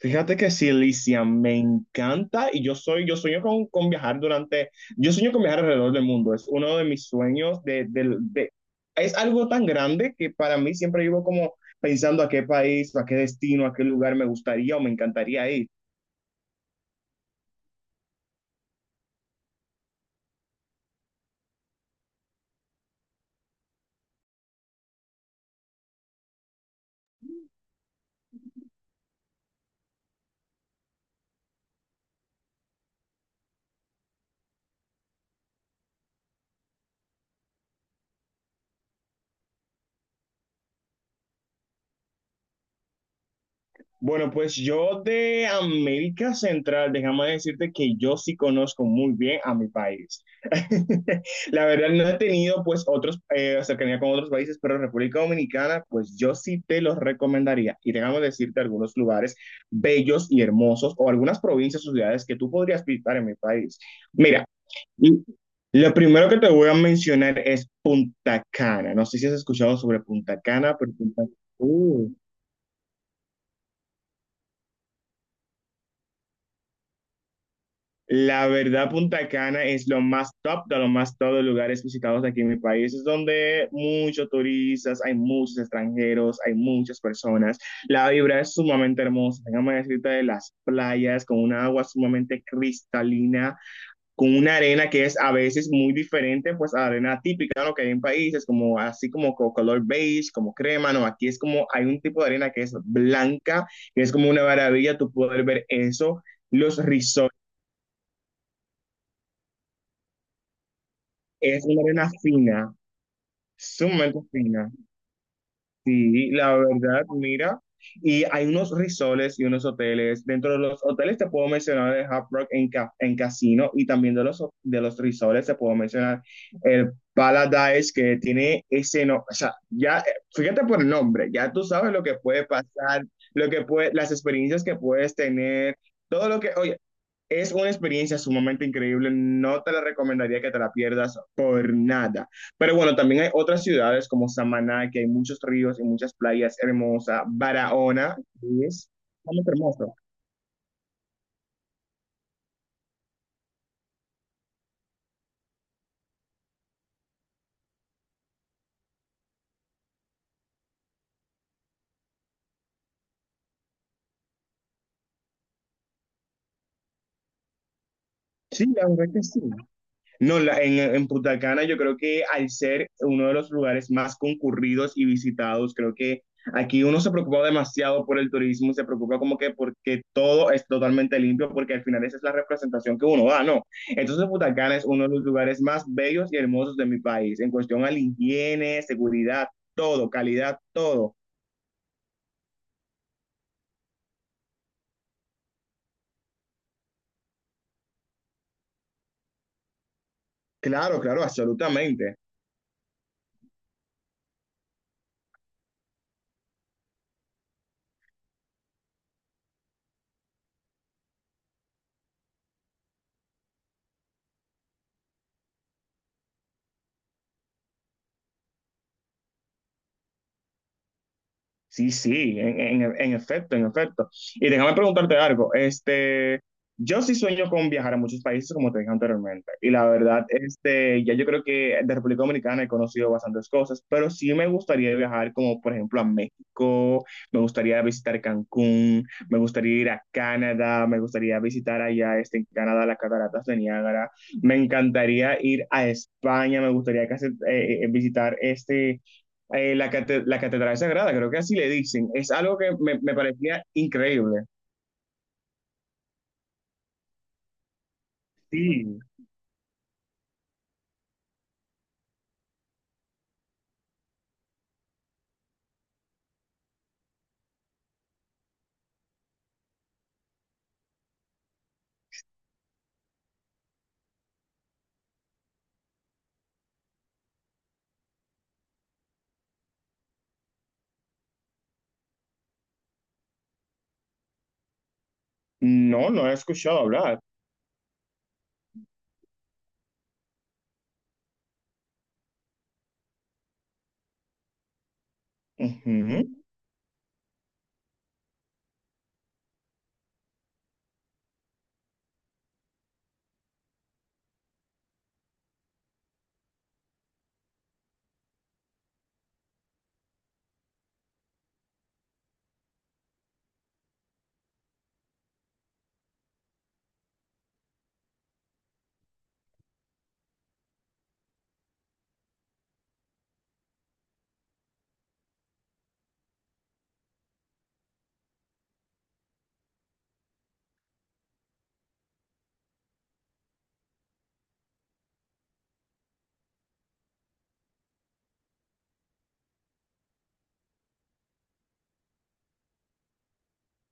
Fíjate que sí, Alicia, me encanta y yo sueño con yo sueño con viajar alrededor del mundo. Es uno de mis sueños es algo tan grande que para mí siempre vivo como pensando a qué país, a qué destino, a qué lugar me gustaría o me encantaría ir. Bueno, pues yo de América Central, déjame decirte que yo sí conozco muy bien a mi país. La verdad no he tenido pues cercanía con otros países, pero República Dominicana, pues yo sí te los recomendaría. Y déjame decirte algunos lugares bellos y hermosos o algunas provincias o ciudades que tú podrías visitar en mi país. Mira, y lo primero que te voy a mencionar es Punta Cana. No sé si has escuchado sobre Punta Cana, pero Punta Cana... La verdad, Punta Cana es lo más top de los más top de lugares visitados aquí en mi país. Es donde muchos turistas, hay muchos extranjeros, hay muchas personas. La vibra es sumamente hermosa. Déjame decirte de las playas con una agua sumamente cristalina, con una arena que es a veces muy diferente pues a la arena típica, ¿no? Que hay en países como color beige, como crema, ¿no? Aquí es como hay un tipo de arena que es blanca, que es como una maravilla tu poder ver eso. Los resorts... Es una arena fina, sumamente fina. Sí, la verdad, mira. Y hay unos resorts y unos hoteles. Dentro de los hoteles te puedo mencionar el Hard Rock en casino, y también de de los resorts te puedo mencionar el Paradise, que tiene ese no, o sea, ya, fíjate por el nombre, ya tú sabes lo que puede pasar, lo que puede, las experiencias que puedes tener, todo lo que, oye, es una experiencia sumamente increíble, no te la recomendaría que te la pierdas por nada. Pero bueno, también hay otras ciudades como Samaná, que hay muchos ríos y muchas playas hermosas, Barahona, que es realmente hermoso. Sí, la verdad que sí. No, la- En Punta Cana yo creo que al ser uno de los lugares más concurridos y visitados, creo que aquí uno se preocupa demasiado por el turismo, se preocupa como que porque todo es totalmente limpio, porque al final esa es la representación que uno da, ¿no? Entonces Punta Cana es uno de los lugares más bellos y hermosos de mi país, en cuestión a la higiene, seguridad, todo, calidad, todo. Claro, claro, absolutamente. Sí, sí, en efecto, en efecto. Y déjame preguntarte algo. Yo sí sueño con viajar a muchos países, como te dije anteriormente. Y la verdad, ya yo creo que de República Dominicana he conocido bastantes cosas, pero sí me gustaría viajar, como por ejemplo a México, me gustaría visitar Cancún, me gustaría ir a Canadá, me gustaría visitar allá, en Canadá, las cataratas de Niágara. Me encantaría ir a España, me gustaría casi, visitar la Catedral Sagrada, creo que así le dicen. Es algo que me parecía increíble. Sí. No, no he escuchado hablar. Ujú.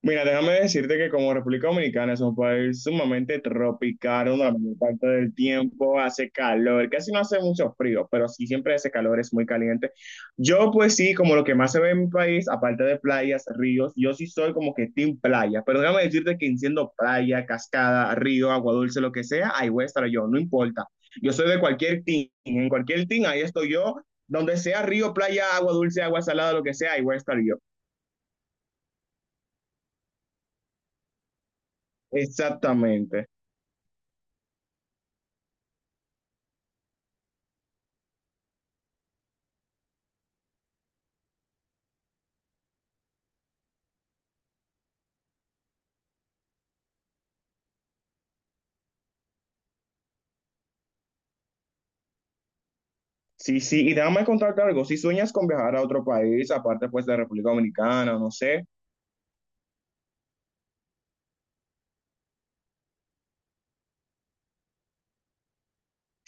Mira, déjame decirte que como República Dominicana es un país sumamente tropical, una la mayor parte del tiempo hace calor, casi no hace mucho frío, pero sí siempre hace calor, es muy caliente. Yo pues sí, como lo que más se ve en mi país, aparte de playas, ríos, yo sí soy como que team playa, pero déjame decirte que siendo playa, cascada, río, agua dulce, lo que sea, ahí voy a estar yo, no importa. Yo soy de cualquier team, en cualquier team, ahí estoy yo, donde sea río, playa, agua dulce, agua salada, lo que sea, ahí voy a estar yo. Exactamente. Sí, sí, y déjame contarte algo, si sueñas con viajar a otro país, aparte pues de República Dominicana, no sé.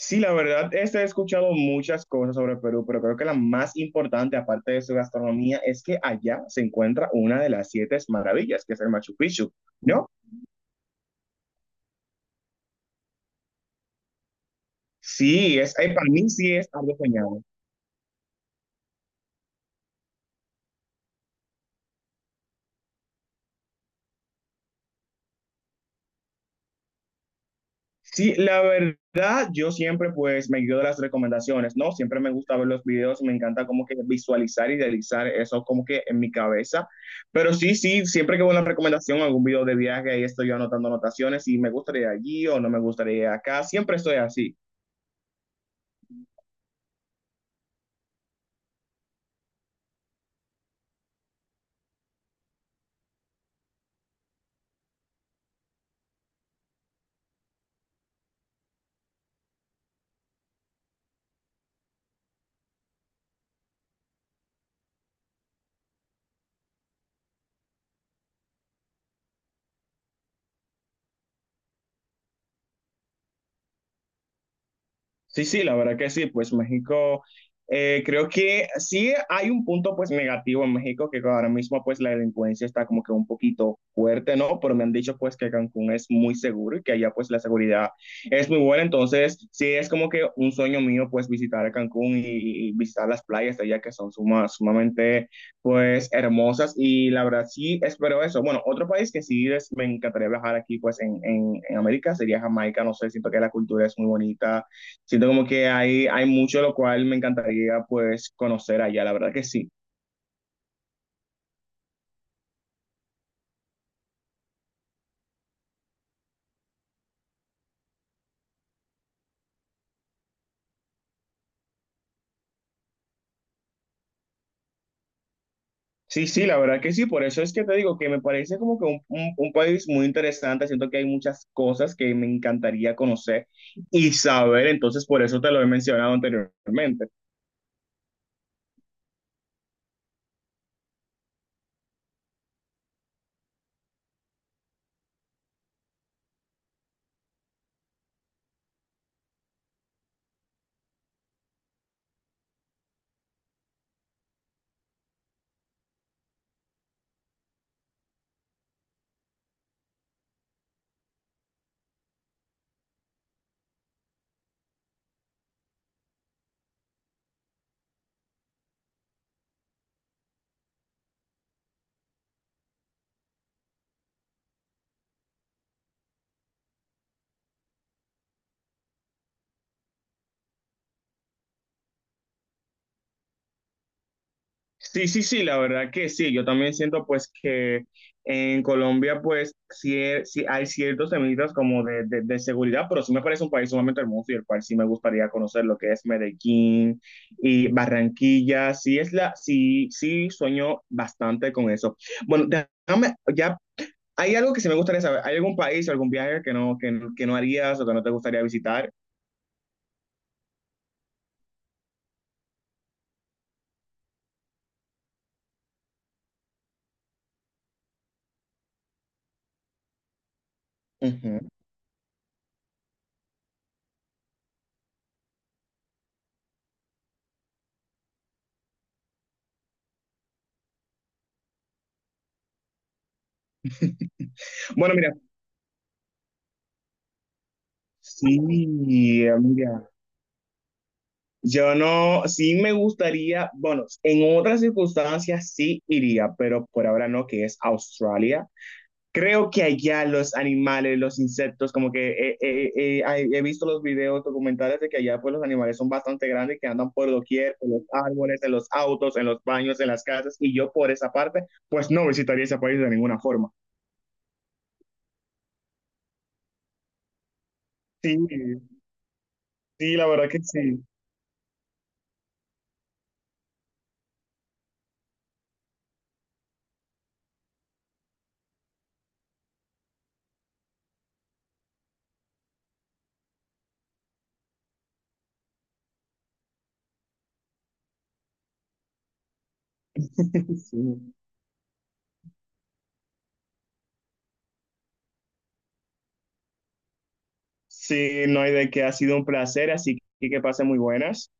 Sí, la verdad, he escuchado muchas cosas sobre Perú, pero creo que la más importante, aparte de su gastronomía, es que allá se encuentra una de las siete maravillas, que es el Machu Picchu, ¿no? Sí, es, para mí sí es algo genial. Sí, la verdad, yo siempre pues me guío de las recomendaciones, ¿no? Siempre me gusta ver los videos, me encanta como que visualizar, idealizar eso como que en mi cabeza. Pero sí, sí, siempre que veo una recomendación, algún video de viaje, ahí estoy yo anotando anotaciones y me gustaría allí o no me gustaría acá, siempre estoy así. Sí, sí, la verdad que sí, pues México, creo que sí hay un punto pues negativo en México, que ahora mismo pues la delincuencia está como que un poquito fuerte, ¿no? Pero me han dicho pues que Cancún es muy seguro y que allá pues la seguridad es muy buena, entonces sí es como que un sueño mío pues visitar a Cancún y visitar las playas de allá que son sumamente pues hermosas y la verdad sí espero eso. Bueno, otro país que me encantaría viajar aquí pues en América sería Jamaica, no sé, siento que la cultura es muy bonita. Siento como que hay mucho lo cual me encantaría pues conocer allá, la verdad que sí. Sí, sí, la verdad que sí, por eso es que te digo que me parece como que un país muy interesante, siento que hay muchas cosas que me encantaría conocer y saber, entonces por eso te lo he mencionado anteriormente. Sí, sí, sí, la verdad que sí. Yo también siento pues que en Colombia pues sí, sí hay ciertos temitas como de seguridad, pero sí me parece un país sumamente hermoso y el cual sí me gustaría conocer lo que es Medellín y Barranquilla. Sí, es la, sí, sí sueño bastante con eso. Bueno, déjame, ya hay algo que sí me gustaría saber. ¿Hay algún país o algún viaje que no harías o que no te gustaría visitar? Ujú. Bueno, mira, sí, mira. Yo no, sí me gustaría, bueno, en otras circunstancias sí iría, pero por ahora no, que es Australia. Creo que allá los animales, los insectos, como que he visto los videos documentales de que allá pues los animales son bastante grandes, que andan por doquier, en los árboles, en los autos, en los baños, en las casas, y yo por esa parte pues no visitaría ese país de ninguna forma. Sí, sí, la verdad que sí. Sí, sí, no hay de qué, ha sido un placer, así que pasen muy buenas.